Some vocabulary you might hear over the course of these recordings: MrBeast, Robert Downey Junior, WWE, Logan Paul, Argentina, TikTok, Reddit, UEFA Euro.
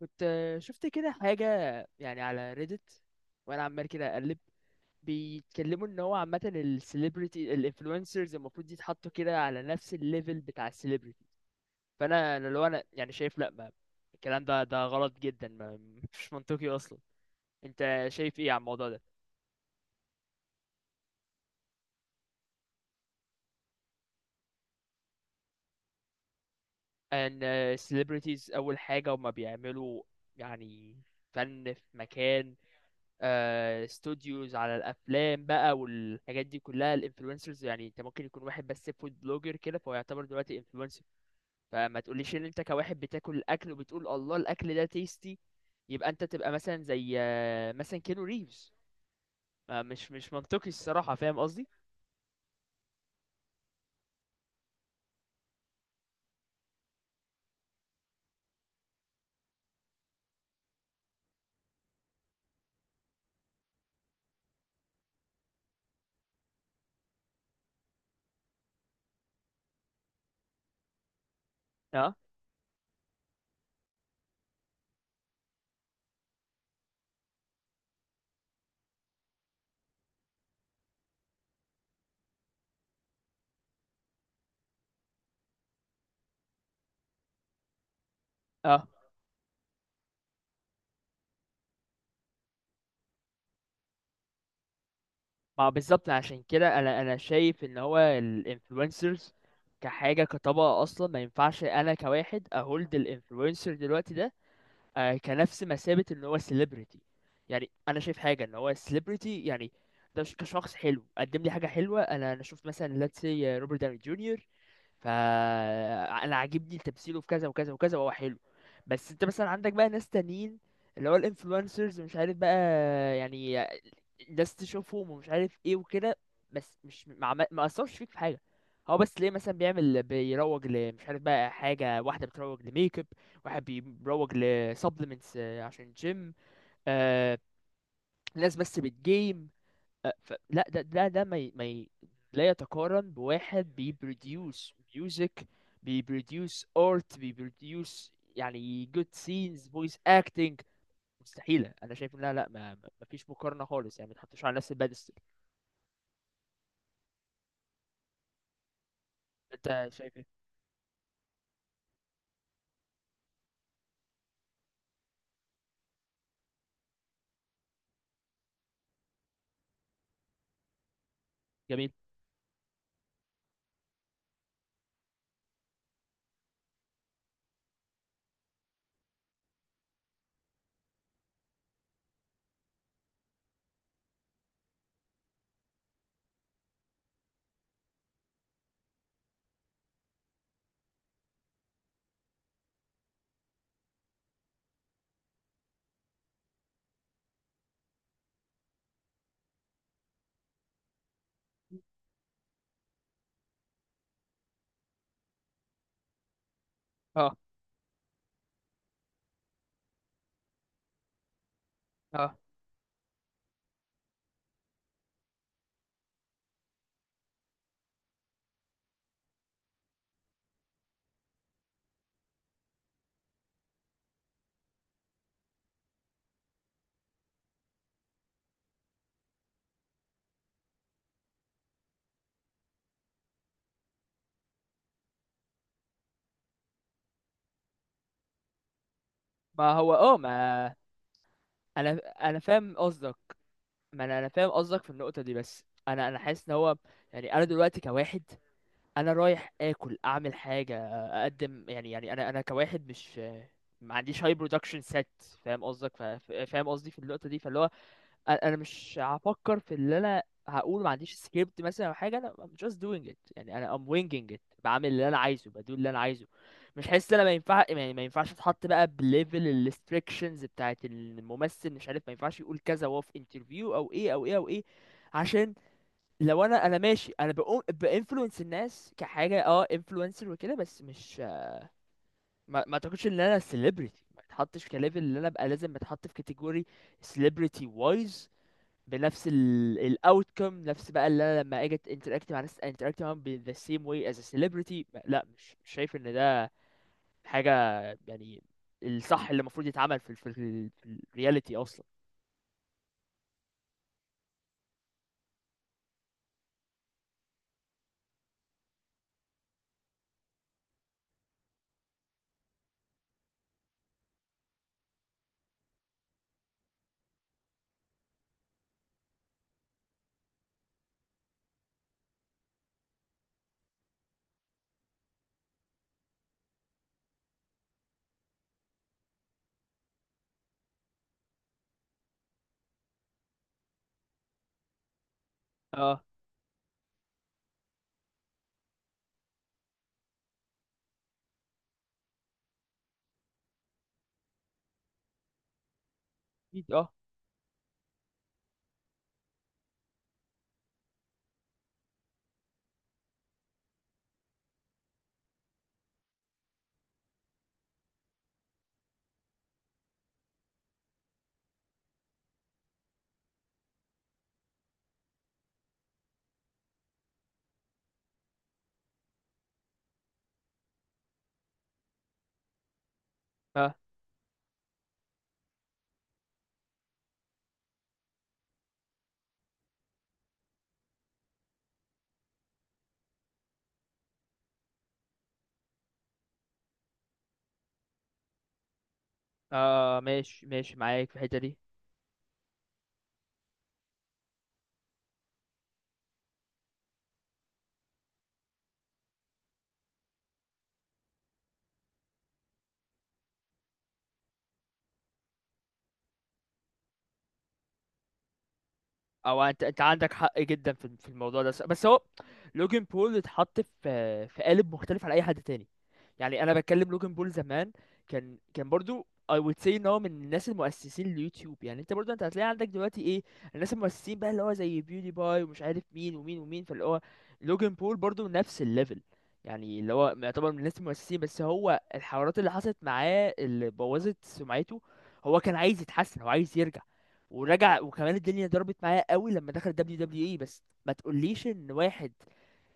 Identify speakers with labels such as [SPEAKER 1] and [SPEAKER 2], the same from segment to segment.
[SPEAKER 1] كنت شفت كده حاجة، يعني على ريدت، وانا عمال كده اقلب. بيتكلموا ان هو عامة السليبرتي الانفلونسرز المفروض يتحطوا كده على نفس الليفل بتاع السليبرتي. فانا لو انا يعني شايف، لا، ما الكلام ده غلط جدا، ما مش منطقي اصلا. انت شايف ايه على الموضوع ده؟ ان السليبرتيز اول حاجة، وما بيعملوا يعني فن في مكان، استوديوز على الافلام بقى والحاجات دي كلها. الانفلونسرز يعني انت ممكن يكون واحد بس فود بلوجر كده، فهو يعتبر دلوقتي انفلونسر. فما تقوليش ان انت كواحد بتاكل الاكل وبتقول الله الاكل ده تيستي، يبقى انت تبقى مثلا زي مثلا كينو ريفز. مش منطقي الصراحة، فاهم قصدي؟ اه، اه، ما بالظبط. عشان كده انا شايف ان هو الانفلونسرز كحاجة، كطبقة، اصلا ما ينفعش انا كواحد اهولد الانفلونسر دلوقتي ده كنفس مثابة ان هو سيلبرتي. يعني انا شايف حاجة ان هو سيلبرتي، يعني ده كشخص حلو، قدم لي حاجة حلوة، انا شفت مثلا let's say روبرت داوني جونيور، فانا عاجبني تمثيله في كذا وكذا وكذا وهو حلو. بس انت مثلا عندك بقى ناس تانيين، اللي هو الانفلونسرز مش عارف بقى يعني، الناس تشوفهم ومش عارف ايه وكده، بس مش ما اثرش فيك في حاجه. هو بس ليه مثلا بيعمل، بيروج لمش عارف بقى، حاجه واحده بتروج لميك اب، واحد بيروج لسبلمنتس عشان جيم. آه ناس بس بتجيم. لا، ده ده ما ي... ما ي... لا يتقارن بواحد بيبروديوس ميوزك، بيبروديوس ارت، بيبروديوس يعني جود سينز، فويس اكتنج، مستحيلة. انا شايف ان، لا لا، ما فيش مقارنة خالص يعني، ما تحطوش على نفس البادستل. انت شايف ايه؟ جميل. اه، اه، ما هو اه. ما انا انا فاهم قصدك. ما انا فاهم قصدك في النقطة دي، بس انا حاسس ان هو، يعني انا دلوقتي كواحد، انا رايح اكل اعمل حاجه، اقدم يعني، يعني انا كواحد، مش ما عنديش هاي برودكشن سيت. فاهم قصدك، فاهم قصدي في النقطه دي، فاللي هو انا مش هفكر في اللي انا هقول. ما عنديش سكريبت مثلا او حاجه، انا I'm just doing it، يعني انا I'm winging it، بعمل اللي انا عايزه، بدو اللي انا عايزه. مش حاسس إن انا ما ينفع، يعني ما ينفعش اتحط بقى بليفل الريستريكشنز بتاعت الممثل، مش عارف، ما ينفعش يقول كذا وهو في انترفيو او ايه او ايه او ايه. عشان لو انا ماشي، انا بقوم بانفلونس الناس كحاجه، اه، انفلونسر وكده، بس مش ما اعتقدش ان انا سيلبرتي، ما اتحطش كليفل اللي انا ابقى لازم اتحط في كاتيجوري سيلبرتي وايز، بنفس الاوتكم، نفس بقى، اللي انا لما اجي انتراكت مع ناس انتراكت معاهم ب the same way as a celebrity. لا، مش شايف ان ده حاجه يعني الصح اللي المفروض يتعمل في الرياليتي اصلا. اه، اكيد، اه، اه، اه، ماشي ماشي معاك في الحته دي. او انت عندك حق جدا في الموضوع ده، بس هو لوجن بول اتحط في قالب مختلف عن اي حد تاني. يعني انا بتكلم لوجن بول زمان، كان برضو I would say ان هو من الناس المؤسسين ليوتيوب. يعني انت برضو انت هتلاقي عندك دلوقتي ايه، الناس المؤسسين بقى اللي هو زي بيودي باي ومش عارف مين ومين ومين، فاللي هو لوجن بول برضو نفس الليفل. يعني اللي هو يعتبر من الناس المؤسسين، بس هو الحوارات اللي حصلت معاه اللي بوظت سمعته. هو كان عايز يتحسن، هو عايز يرجع، ورجع، وكمان الدنيا ضربت معاه قوي لما دخل دبليو دبليو اي. بس ما تقوليش ان واحد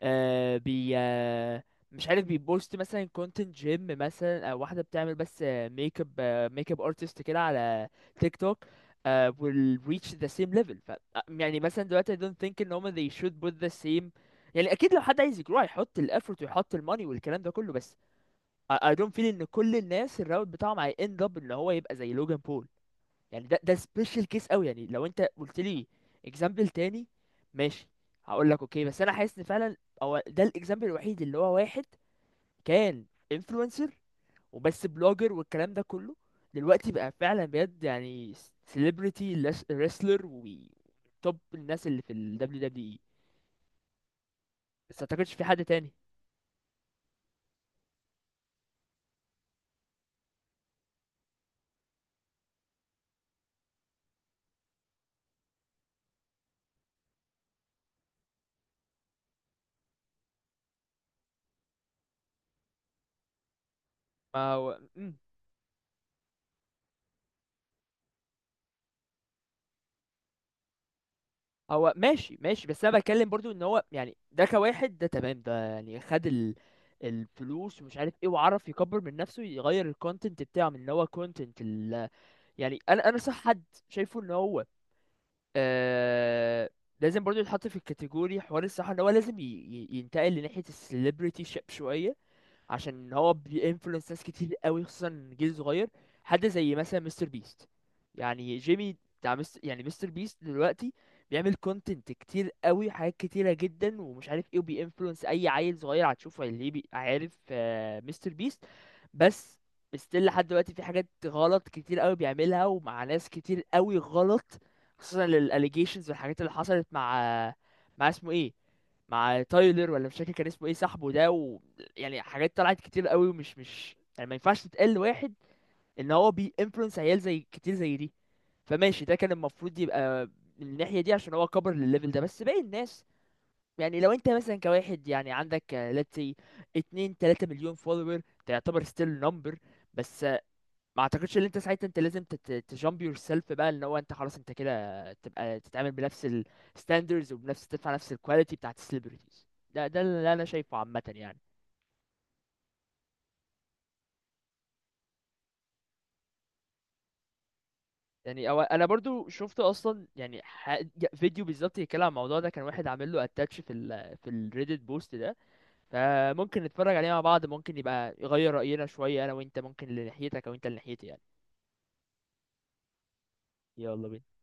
[SPEAKER 1] آه بي آه مش عارف، بيبوست مثلا كونتنت جيم مثلا، او واحده بتعمل بس ميك اب ميك اب ارتست كده على تيك توك، will reach the same level. ف يعني مثلا دلوقتي I don't think ان هما they should put the same. يعني اكيد لو حد عايز يجرو هيحط ال effort ويحط الماني والكلام ده كله، بس I don't feel ان كل الناس الراوت بتاعهم هي end up ان هو يبقى زي لوجان بول. يعني ده سبيشال كيس قوي. يعني لو انت قلت لي اكزامبل تاني، ماشي، هقول لك اوكي، بس انا حاسس ان فعلا هو ده الاكزامبل الوحيد، اللي هو واحد كان انفلونسر وبس بلوجر والكلام ده كله، دلوقتي بقى فعلا بجد يعني سيلبرتي، ريسلر، وتوب الناس اللي في ال WWE. بس ما اعتقدش في حد تاني. ما هو هو ماشي ماشي، بس انا بتكلم برضو ان هو يعني ده كواحد، ده تمام، ده يعني خد ال... الفلوس ومش عارف ايه وعرف يكبر من نفسه، يغير الكونتنت بتاعه من ان هو كونتنت ال... يعني انا صح حد شايفه ان هو آه... لازم برضو يتحط في الكاتيجوري، حوار الصح ان هو لازم ينتقل لناحية السليبرتي شيب شوية، عشان هو بينفلونس ناس كتير قوي، خصوصا جيل صغير. حد زي مثلا مستر بيست، يعني جيمي بتاع مستر، يعني مستر بيست دلوقتي بيعمل كونتنت كتير قوي، حاجات كتيرة جدا ومش عارف ايه، وبينفلونس اي عيل صغير هتشوفه اللي عارف مستر بيست. بس ستيل لحد دلوقتي في حاجات غلط كتير قوي بيعملها، ومع ناس كتير قوي غلط، خصوصا للاليجيشنز والحاجات اللي حصلت مع، مع اسمه ايه، مع تايلر، ولا مش فاكر كان اسمه ايه صاحبه ده، و... يعني حاجات طلعت كتير قوي، ومش مش يعني ما ينفعش تتقال لواحد ان هو بي influence عيال زي كتير زي دي. فماشي، ده كان المفروض يبقى من الناحية دي، عشان هو كبر للليفل ده. بس باقي الناس، يعني لو انت مثلا كواحد يعني عندك let's say 2 3 مليون follower، ده يعتبر still number، بس ما اعتقدش ان انت ساعتها انت لازم تجامب يور سيلف بقى ان هو انت خلاص انت كده تبقى تتعامل بنفس الستاندرز، وبنفس تدفع نفس الكواليتي بتاعت السليبرتيز. ده اللي انا شايفه عامه يعني. يعني أو انا برضو شفت اصلا، يعني فيديو بالظبط يتكلم عن الموضوع ده، كان واحد عامل له اتاتش في ال، في الريديت بوست ده. فممكن نتفرج عليه مع بعض، ممكن يبقى يغير راينا شويه، انا وانت، ممكن لناحيتك او انت لناحيتي يعني. يلا بينا.